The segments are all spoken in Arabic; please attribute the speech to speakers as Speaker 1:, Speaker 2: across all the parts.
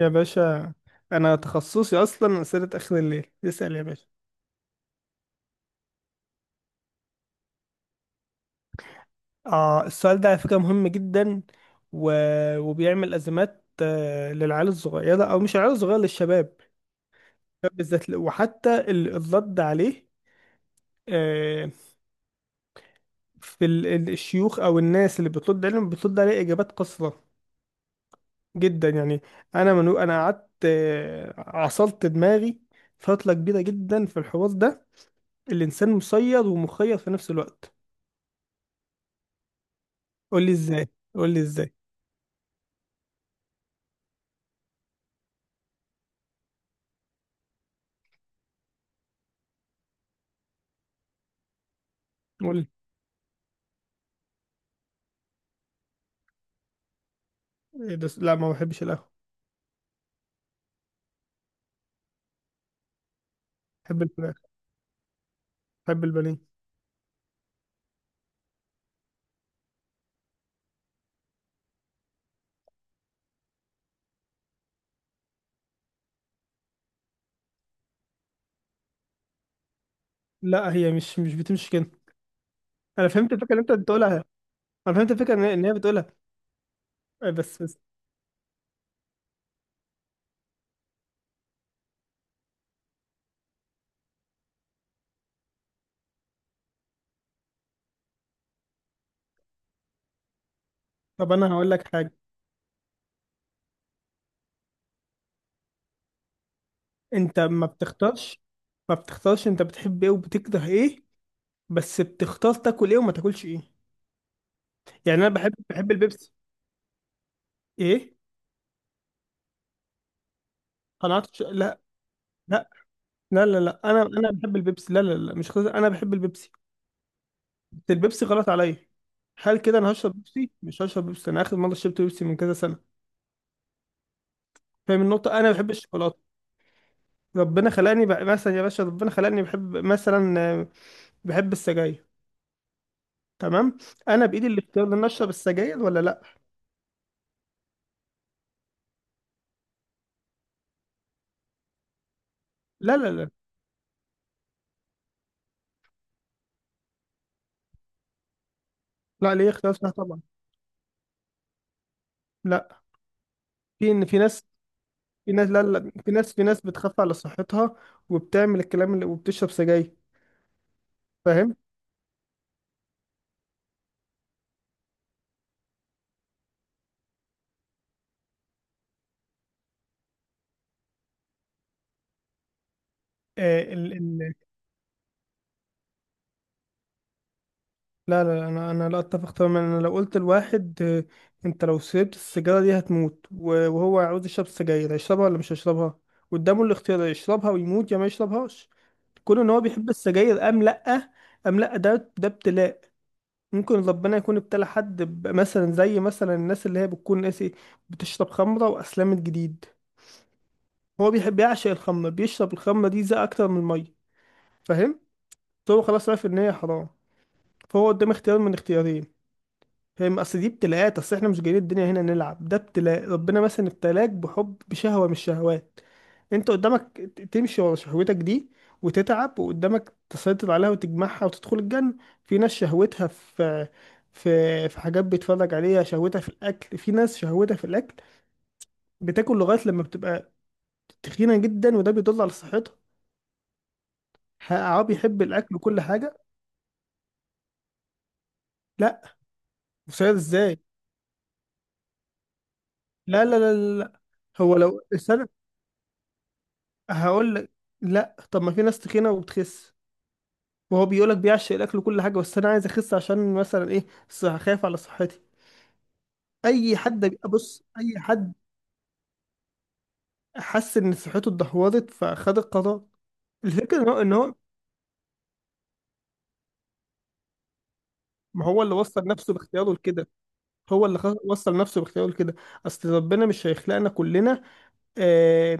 Speaker 1: يا باشا، انا تخصصي اصلا اسئله اخر الليل. اسال يا باشا. اه، السؤال ده على فكره مهم جدا. و... وبيعمل ازمات، للعيال الصغيره، او مش العيال الصغيره، للشباب بالذات. وحتى الرد عليه، آه، في الشيوخ او الناس اللي بترد عليهم بترد عليه اجابات قصيره جدا يعني. انا من، انا قعدت، عصلت دماغي فتره كبيره جدا في الحوار ده. الانسان مسير ومخير في نفس الوقت. قول لي ازاي، قول لي ازاي. إيه ده؟ لا، ما بحبش القهوة. بحب الفراخ، بحب البانيه. لا، هي مش بتمشي كده. انا فهمت الفكرة اللي انت بتقولها. انا فهمت الفكرة إن هي بتقولها. إيه؟ بس. طب انا هقول لك حاجة. انت ما بتختارش، ما بتختارش انت بتحب ايه وبتكره ايه، بس بتختار تاكل ايه وما تاكلش ايه. يعني انا بحب البيبسي. ايه؟ قناعتك؟ لا لا لا لا، انا بحب البيبسي. لا، لا، لا، مش خلاص، انا بحب البيبسي. بس البيبسي غلط عليا. هل كده انا هشرب بيبسي؟ مش هشرب بيبسي. انا اخر مره شربت بيبسي من كذا سنه. فاهم النقطه؟ انا بحب الشوكولاته. ربنا خلاني بقى، مثلا يا باشا، ربنا خلاني بحب، مثلا، بحب السجاير. تمام. انا بايدي الاختيار ان أنا اشرب السجاير ولا لا. لا، لا، لا، لا ليه؟ اختيار، صح طبعا. لا، في في ناس، في ناس، لا، لا، في ناس، في ناس بتخاف على صحتها وبتعمل الكلام اللي، وبتشرب سجاير. فاهم؟ آه ال ال لا، لا، لا، انا انا لا اتفق تماما. انا لو قلت لواحد، انت لو شربت السيجاره دي هتموت، وهو عاوز يشرب سجاير، هيشربها ولا مش هيشربها؟ قدامه الاختيار، يشربها ويموت يا ما يشربهاش. كون ان هو بيحب السجاير ام لا، ام لا، ده ابتلاء. ممكن ربنا يكون ابتلى حد مثلا، زي مثلا الناس اللي هي بتكون ناسي، بتشرب خمره واسلمت جديد. هو بيحب يعشق الخمره، بيشرب الخمره دي زي اكتر من الميه. فاهم؟ فهو خلاص عارف ان هي حرام، فهو قدام اختيار من اختيارين. فاهم؟ اصل دي ابتلاءات. اصل احنا مش جايين الدنيا هنا نلعب. ده ابتلاء. ربنا مثلا ابتلاك بحب، بشهوة من الشهوات. انت قدامك تمشي ورا شهوتك دي وتتعب، وقدامك تسيطر عليها وتجمعها وتدخل الجنة. في ناس شهوتها في، في، في حاجات بيتفرج عليها، شهوتها في الاكل. في ناس شهوتها في الاكل، بتاكل لغاية لما بتبقى تخينة جدا، وده بيدل على صحتها. عربي يحب الاكل وكل حاجة. لا، مسيطر ازاي؟ لا، لا. هو لو الإنسان، هقول لك. لا، طب ما في ناس تخينه وبتخس، وهو بيقول لك بيعشق الاكل وكل حاجه، بس انا عايز اخس عشان مثلا ايه؟ صح، خايف على صحتي. اي حد بص، اي حد حس ان صحته اتدهورت فخد القرار. الفكره ان هو، ان هو، ما هو اللي وصل نفسه باختياره لكده. هو اللي وصل نفسه باختياره لكده. اصل ربنا مش هيخلقنا كلنا آه،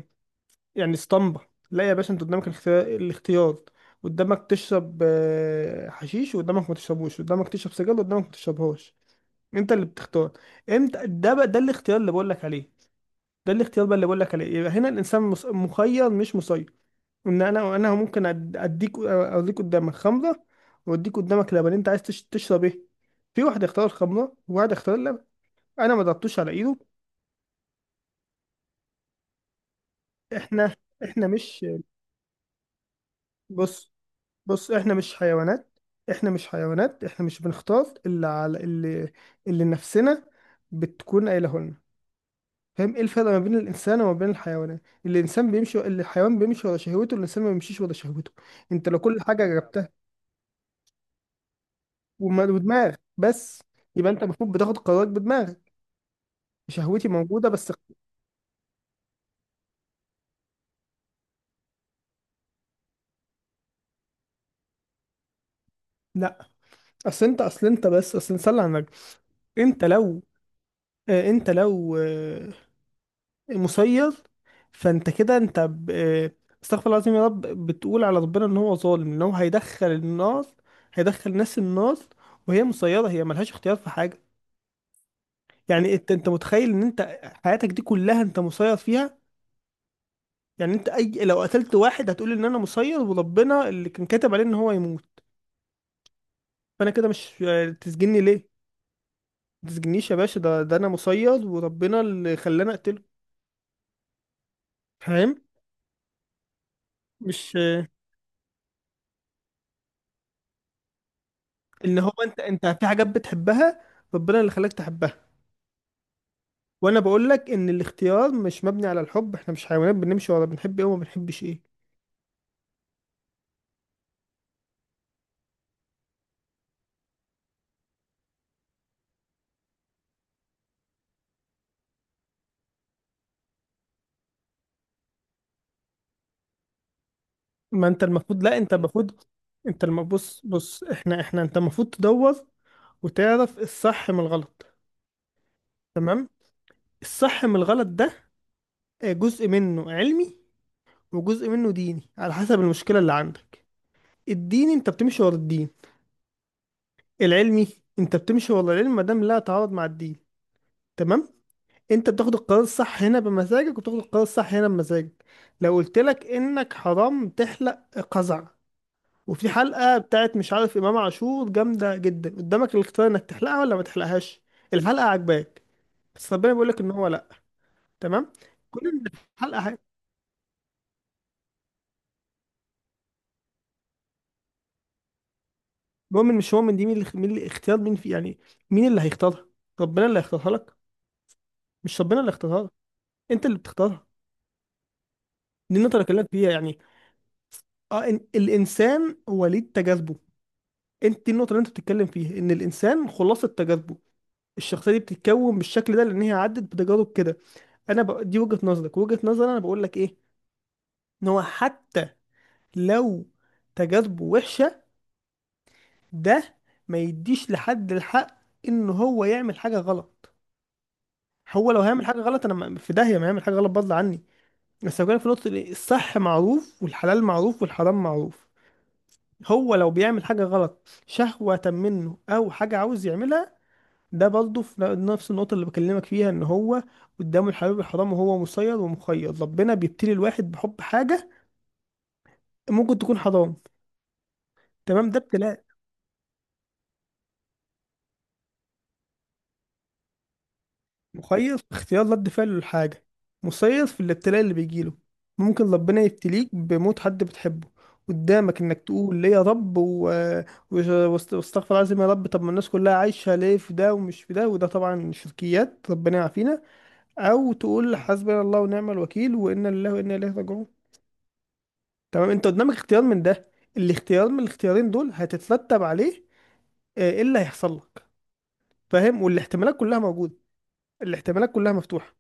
Speaker 1: يعني، اسطمبه. لا يا باشا، انت قدامك الاختيار، الاختيار. قدامك تشرب، حشيش، وقدامك ما تشربوش. قدامك تشرب سجاير وقدامك ما تشربهاش. انت اللي بتختار. امتى ده بقى؟ ده الاختيار اللي بقول لك عليه. ده الاختيار بقى اللي بقول لك عليه. يبقى هنا الانسان مخير مش مسير. ان انا ممكن اديك، اوريك، قدامك خمره واديك قدامك لبن، انت عايز تشرب ايه؟ في واحد اختار الخمره وواحد اختار اللبن. انا ما ضربتوش على ايده. احنا احنا مش بص، بص، احنا مش حيوانات. احنا مش حيوانات. احنا مش بنختار اللي على اللي، اللي نفسنا بتكون قايله لنا. فاهم ايه الفرق ما بين الانسان وما بين الحيوانات؟ الانسان بيمشي، الحيوان بيمشي ورا شهوته، الانسان ما بيمشيش ورا شهوته. انت لو كل حاجه جبتها ودماغ بس، يبقى انت المفروض بتاخد قرارك بدماغك. شهوتي موجوده بس. لا، اصل نصلي على النبي. انت لو، انت لو، مسير، فانت كده انت استغفر الله العظيم يا رب، بتقول على ربنا ان هو ظالم، ان هو هيدخل النار، هيدخل ناس النار وهي مسيره، هي ملهاش اختيار في حاجه. يعني انت، انت متخيل ان انت حياتك دي كلها انت مسير فيها؟ يعني انت اي لو قتلت واحد، هتقول ان انا مسير، وربنا اللي كان كاتب عليه ان هو يموت. فانا كده مش، تسجني ليه؟ ما تسجنيش يا باشا، ده ده انا مسير، وربنا اللي خلاني اقتله. فاهم؟ مش، ان هو انت، انت في حاجات بتحبها، ربنا اللي خلاك تحبها. وانا بقول لك ان الاختيار مش مبني على الحب. احنا مش حيوانات بنمشي ورا بنحب ايه وما بنحبش ايه. ما انت المفروض، لا انت المفروض بص، بص، احنا انت المفروض تدور وتعرف الصح من الغلط. تمام. الصح من الغلط ده، جزء منه علمي وجزء منه ديني، على حسب المشكلة اللي عندك. الديني انت بتمشي ورا الدين، العلمي انت بتمشي ورا العلم ما دام لا تعارض مع الدين. تمام. انت بتاخد القرار الصح هنا بمزاجك، وبتاخد القرار الصح هنا بمزاجك. لو قلت لك انك حرام تحلق قزع، وفي حلقة بتاعت مش عارف امام عاشور جامدة جدا، قدامك الاختيار انك تحلقها ولا ما تحلقهاش. الحلقة عجباك، بس ربنا بيقول لك ان هو لا. تمام. كل اللي في الحلقه حاجه. المهم، إن مش مؤمن دي، مين اللي، مين اللي اختيار مين في يعني، مين اللي هيختارها؟ ربنا اللي هيختارها لك؟ مش ربنا اللي هيختارها لك، انت اللي بتختارها. دي النقطه اللي بكلمك فيها يعني. اه، إن الانسان وليد تجاذبه، انت دي النقطه اللي انت بتتكلم فيها، ان الانسان خلاصه تجاذبه، الشخصيه دي بتتكون بالشكل ده لان هي عدت بتجارب كده. دي وجهه نظرك، وجهه نظري انا بقول لك ايه، ان هو حتى لو تجاذبه وحشه، ده ما يديش لحد الحق ان هو يعمل حاجه غلط. هو لو هيعمل حاجه غلط انا في داهيه، ما هيعمل حاجه غلط بدل عني. بس لو جالك في نقطه الصح معروف، والحلال معروف، والحرام معروف، هو لو بيعمل حاجه غلط شهوه منه او حاجه عاوز يعملها، ده برضه في نفس النقطه اللي بكلمك فيها، ان هو قدامه الحلال والحرام، وهو مسير ومخير. ربنا بيبتلي الواحد بحب حاجه ممكن تكون حرام. تمام. ده ابتلاء. مخير في اختيار رد فعله للحاجة، مسير في الابتلاء اللي بيجيله. ممكن ربنا يبتليك بموت حد بتحبه، قدامك انك تقول ليه يا رب واستغفر العظيم يا رب، طب ما الناس كلها عايشة ليه في ده ومش في ده؟ وده طبعا شركيات ربنا يعافينا. او تقول حسبنا الله ونعم الوكيل، وانا لله وانا اليه راجعون. تمام. انت قدامك اختيار من ده، الاختيار من الاختيارين دول هتترتب عليه ايه اللي هيحصل لك. فاهم؟ والاحتمالات كلها موجودة، الاحتمالات كلها مفتوحة.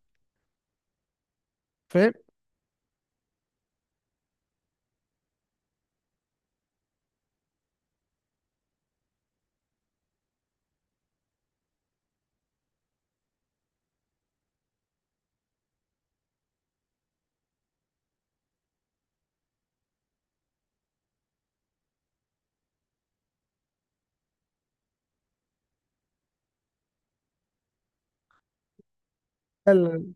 Speaker 1: فاهم؟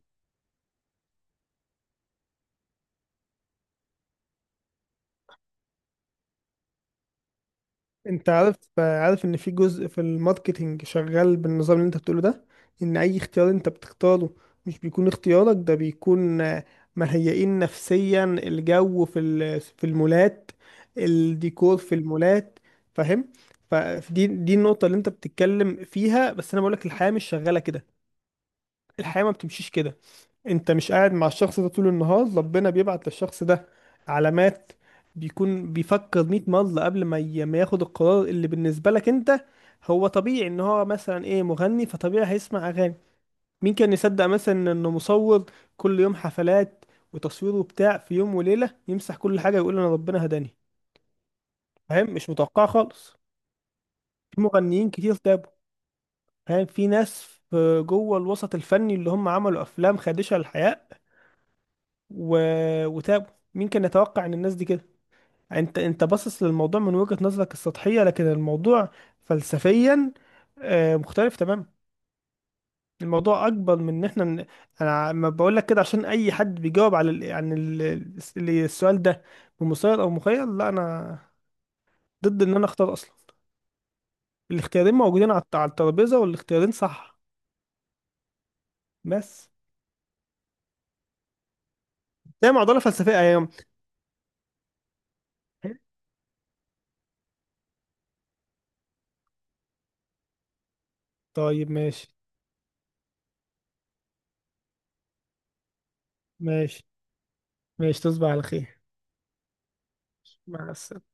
Speaker 1: انت عارف، عارف ان في جزء في الماركتينج شغال بالنظام اللي انت بتقوله ده، ان اي اختيار انت بتختاره مش بيكون اختيارك، ده بيكون، مهيئين نفسيا، الجو في في المولات، الديكور في المولات. فاهم؟ فدي النقطة اللي انت بتتكلم فيها، بس انا بقولك الحياة مش شغالة كده. الحياة ما بتمشيش كده. انت مش قاعد مع الشخص ده طول النهار، ربنا بيبعت للشخص ده علامات. بيكون بيفكر 100 مرة قبل ما ياخد القرار اللي بالنسبة لك انت هو طبيعي. ان هو مثلا ايه، مغني، فطبيعي هيسمع اغاني. مين كان يصدق مثلا انه مصور، كل يوم حفلات وتصوير وبتاع، في يوم وليلة يمسح كل حاجة ويقول انا ربنا هداني. فاهم؟ مش متوقع خالص. في مغنيين كتير تابوا. فاهم؟ في ناس، في- جوه الوسط الفني، اللي هم عملوا افلام خادشة للحياة و... وتابوا. مين كان يتوقع ان الناس دي كده؟ انت، انت باصص للموضوع من وجهة نظرك السطحية، لكن الموضوع فلسفيا مختلف تماما. الموضوع اكبر من ان احنا انا ما بقول لك كده عشان اي حد بيجاوب عن السؤال ده بمسير او مخيل. لا، انا ضد ان انا اختار اصلا. الاختيارين موجودين على على الترابيزة، والاختيارين صح. بس ده معضلة فلسفية ايام. طيب ماشي. ماشي، ماشي. تصبح على خير. مع السلامة.